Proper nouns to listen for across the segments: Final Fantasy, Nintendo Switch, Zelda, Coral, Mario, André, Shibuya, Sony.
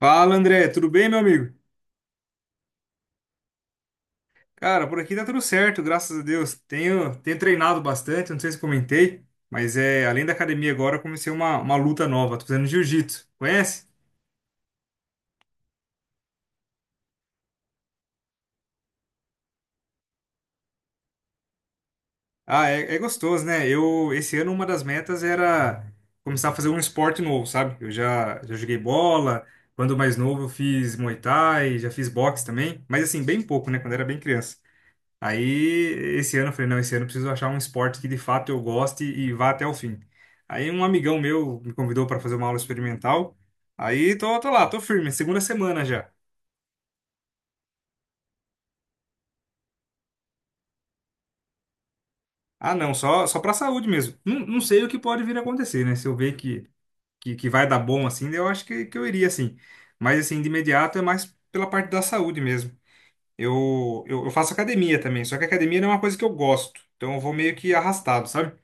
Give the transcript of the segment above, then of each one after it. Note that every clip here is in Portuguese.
Fala, André, tudo bem, meu amigo? Cara, por aqui tá tudo certo, graças a Deus. Tenho treinado bastante, não sei se comentei, mas é, além da academia agora, eu comecei uma luta nova, tô fazendo jiu-jitsu. Conhece? Ah, é, é gostoso, né? Eu, esse ano, uma das metas era começar a fazer um esporte novo, sabe? Eu já joguei bola, quando mais novo eu fiz Muay Thai, já fiz boxe também, mas assim, bem pouco, né? Quando era bem criança. Aí, esse ano eu falei, não, esse ano eu preciso achar um esporte que de fato eu goste e vá até o fim. Aí um amigão meu me convidou para fazer uma aula experimental. Aí tô lá, tô firme, segunda semana já. Ah, não, só para saúde mesmo. Não, não sei o que pode vir a acontecer, né? Se eu ver que que vai dar bom assim, eu acho que eu iria assim. Mas assim, de imediato é mais pela parte da saúde mesmo. Eu faço academia também, só que academia não é uma coisa que eu gosto. Então eu vou meio que arrastado, sabe?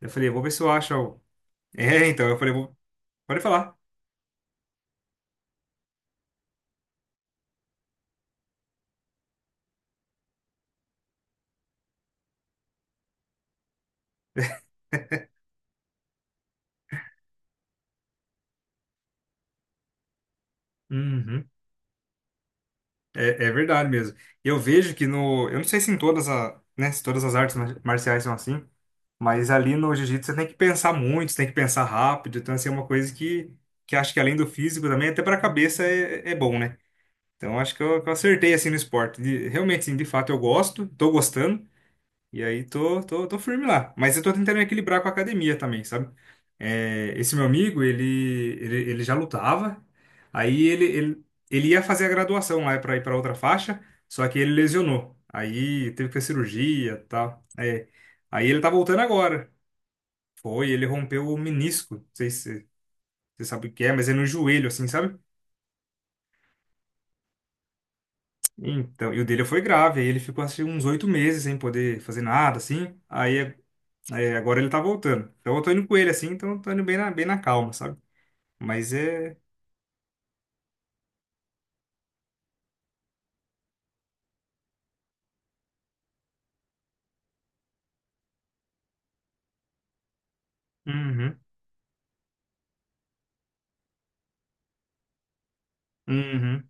Eu falei, vou ver se eu acho algo. É, então, eu falei, vou. Pode falar. Uhum. É, é verdade mesmo. Eu vejo que no. Eu não sei se em todas, a, né, se todas as artes marciais são assim, mas ali no jiu-jitsu você tem que pensar muito, você tem que pensar rápido. Então, assim, é uma coisa que acho que além do físico também, até para a cabeça é, é bom, né? Então, acho que eu acertei assim no esporte. Realmente, assim, de fato eu gosto, tô gostando. E aí tô firme lá. Mas eu tô tentando equilibrar com a academia também, sabe? É, esse meu amigo, ele já lutava, aí ele ia fazer a graduação lá pra ir pra outra faixa, só que ele lesionou. Aí teve que ter cirurgia e tal. É, aí ele tá voltando agora. Foi, ele rompeu o menisco. Não sei se você sabe o que é, mas é no joelho, assim, sabe? Então, e o dele foi grave, aí ele ficou assim uns 8 meses sem poder fazer nada, assim. Aí é, agora ele tá voltando. Então eu tô indo com ele assim, então eu tô indo bem na calma, sabe? Mas é. Uhum, uhum,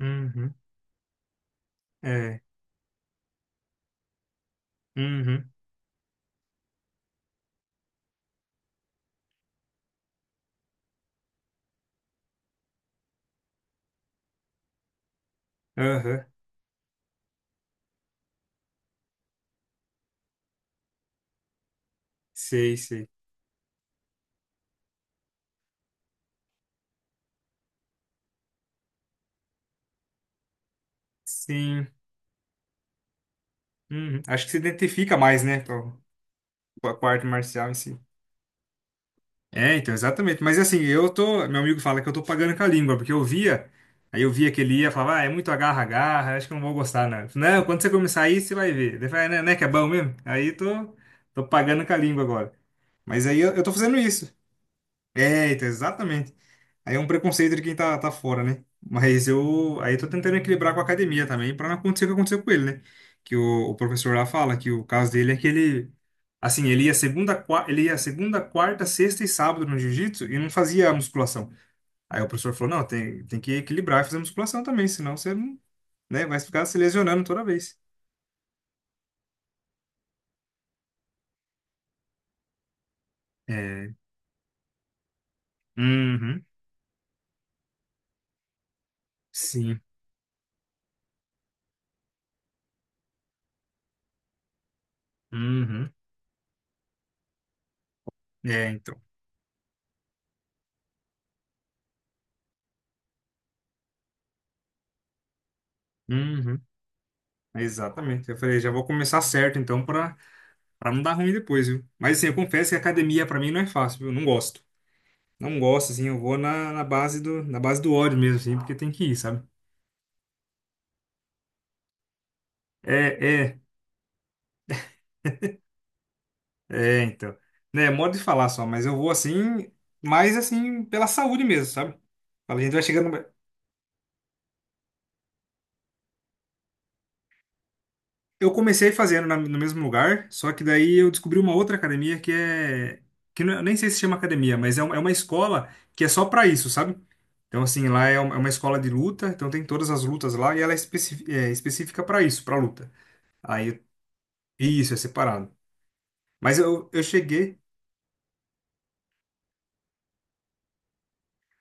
uhum, é, uhum, aham, sei, sei. Sim, uhum. Acho que se identifica mais, né, com a arte marcial em si. É, então, exatamente. Mas assim, eu tô. Meu amigo fala que eu tô pagando com a língua, porque eu via. Aí eu via que ele ia, falava, ah, é muito agarra-agarra, acho que eu não vou gostar, não. Eu falei, não, quando você começar aí, você vai ver. Ele fala, né, que é bom mesmo? Aí tô pagando com a língua agora. Mas aí eu tô fazendo isso. É, então, exatamente. Aí é um preconceito de quem tá fora, né? Mas eu. Aí eu tô tentando equilibrar com a academia também, pra não acontecer o que aconteceu com ele, né? Que o professor lá fala que o caso dele é que ele. Assim, ele ia segunda, quarta, sexta e sábado no jiu-jitsu e não fazia musculação. Aí o professor falou: não, tem que equilibrar e fazer musculação também, senão você não, né, vai ficar se lesionando toda vez. É. Uhum. Sim. Uhum. É, então. Uhum. Exatamente. Eu falei, já vou começar certo, então, para Pra não dar ruim depois, viu? Mas assim, eu confesso que academia pra mim não é fácil, viu? Eu não gosto. Não gosto, assim, eu vou na, na base do ódio mesmo, assim, porque tem que ir, sabe? É, é, é, então. Né, é modo de falar só, mas eu vou assim, mais assim, pela saúde mesmo, sabe? Fala, a gente vai chegando. Eu comecei fazendo no mesmo lugar, só que daí eu descobri uma outra academia que é. Que não- Eu nem sei se chama academia, mas é uma escola que é só pra isso, sabe? Então, assim, lá é uma escola de luta, então tem todas as lutas lá e ela é, é específica pra isso, pra luta. Aí, isso, é separado. Mas eu cheguei.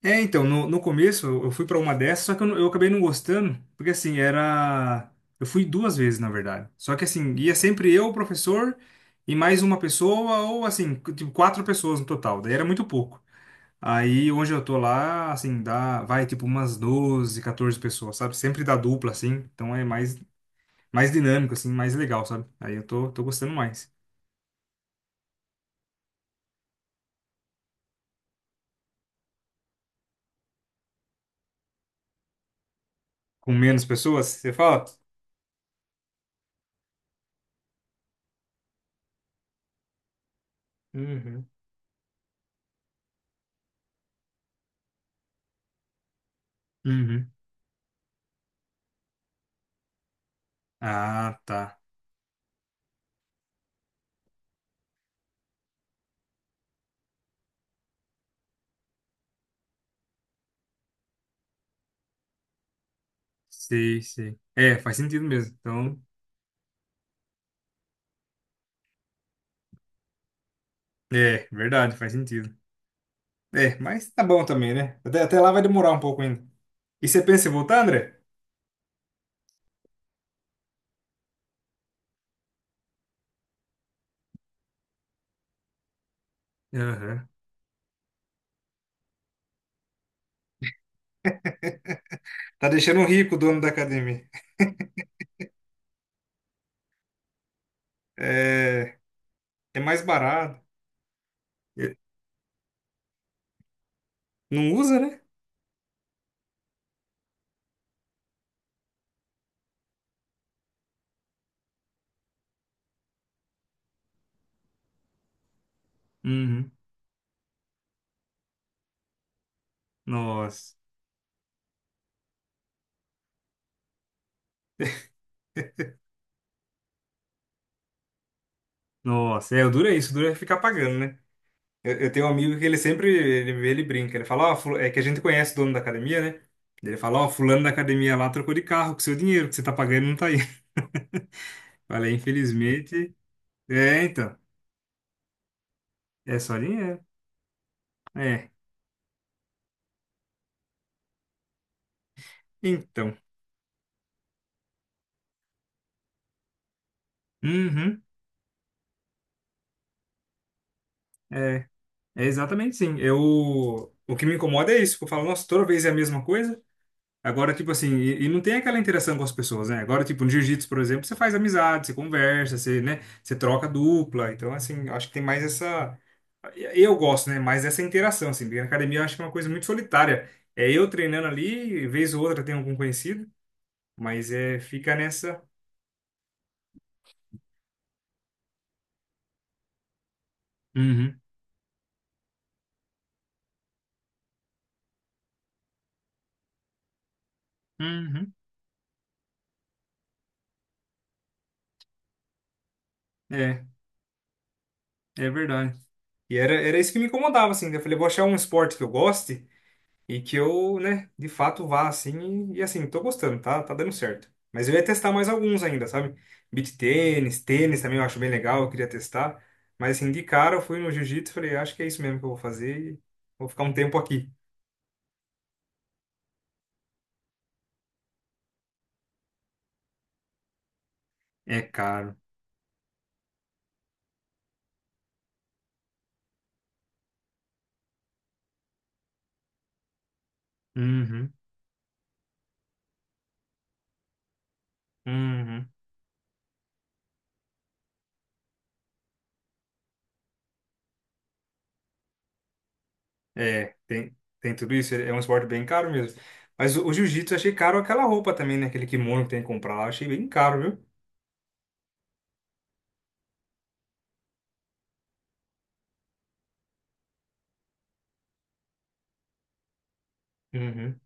É, então, no, no começo eu fui pra uma dessas, só que eu, eu acabei não gostando, porque assim, era. Eu fui duas vezes, na verdade. Só que assim, ia sempre eu, o professor, e mais uma pessoa, ou assim, tipo, quatro pessoas no total, daí era muito pouco. Aí onde eu tô lá, assim, dá, vai tipo umas 12 14 pessoas, sabe? Sempre dá dupla, assim, então é mais, dinâmico, assim, mais legal, sabe? Aí eu tô, tô gostando mais. Com menos pessoas, você fala? Uhum. Uhum. Ah, tá. Sei, sei. É, faz sentido mesmo. Então, é, verdade, faz sentido. É, mas tá bom também, né? Até lá vai demorar um pouco ainda. E você pensa em voltar, André? Aham. Tá deixando um rico o dono da academia. É, é mais barato. É, não usa, né? Uhum. Nossa. Nossa, é, o duro é isso, o duro é ficar pagando, né? Eu tenho um amigo que ele sempre ele brinca. Ele fala, ó, é que a gente conhece o dono da academia, né? Ele fala, ó, fulano da academia lá trocou de carro com seu dinheiro, que você tá pagando não tá aí. Falei, infelizmente. É, então. É só dinheiro. É. Então. Uhum. É. É exatamente sim. Eu. O que me incomoda é isso. Que eu falo, nossa, toda vez é a mesma coisa. Agora, tipo assim, e não tem aquela interação com as pessoas, né? Agora, tipo, no jiu-jitsu, por exemplo, você faz amizade, você conversa, você, né? Você troca dupla. Então, assim, eu acho que tem mais essa. Eu gosto, né? Mais dessa interação, assim. Porque na academia eu acho que é uma coisa muito solitária. É eu treinando ali, vez ou outra tem algum conhecido, mas é, fica nessa. Uhum, uhum. É, é verdade. E era isso que me incomodava, assim, né? Eu falei, vou achar um esporte que eu goste. E que eu, né, de fato vá assim. E assim, tô gostando, tá, dando certo. Mas eu ia testar mais alguns ainda, sabe? Beach tênis, tênis também eu acho bem legal, eu queria testar. Mas assim, de cara eu fui no jiu-jitsu e falei, acho que é isso mesmo que eu vou fazer e vou ficar um tempo aqui. É caro. Uhum, uhum. É, tem tudo isso. É um esporte bem caro mesmo. Mas o jiu-jitsu eu achei caro aquela roupa também, né? Aquele kimono que tem que comprar lá. Eu achei bem caro, viu? Uhum,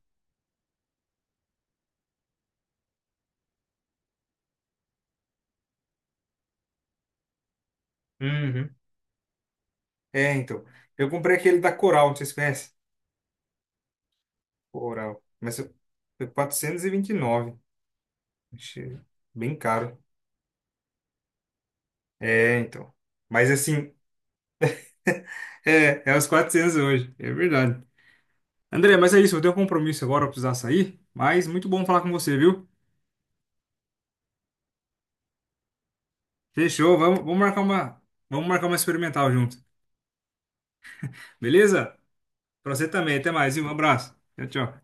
uhum. É, então. Eu comprei aquele da Coral, não sei se você conhece. Oral. Mas foi 429. Achei bem caro. É, então. Mas assim, é, é os 400 hoje. É verdade. André, mas é isso. Eu tenho um compromisso agora, eu precisar sair. Mas muito bom falar com você, viu? Fechou. Vamos marcar uma, vamos marcar uma experimental junto. Beleza? Pra você também. Até mais, viu? Um abraço. Tchau, tchau.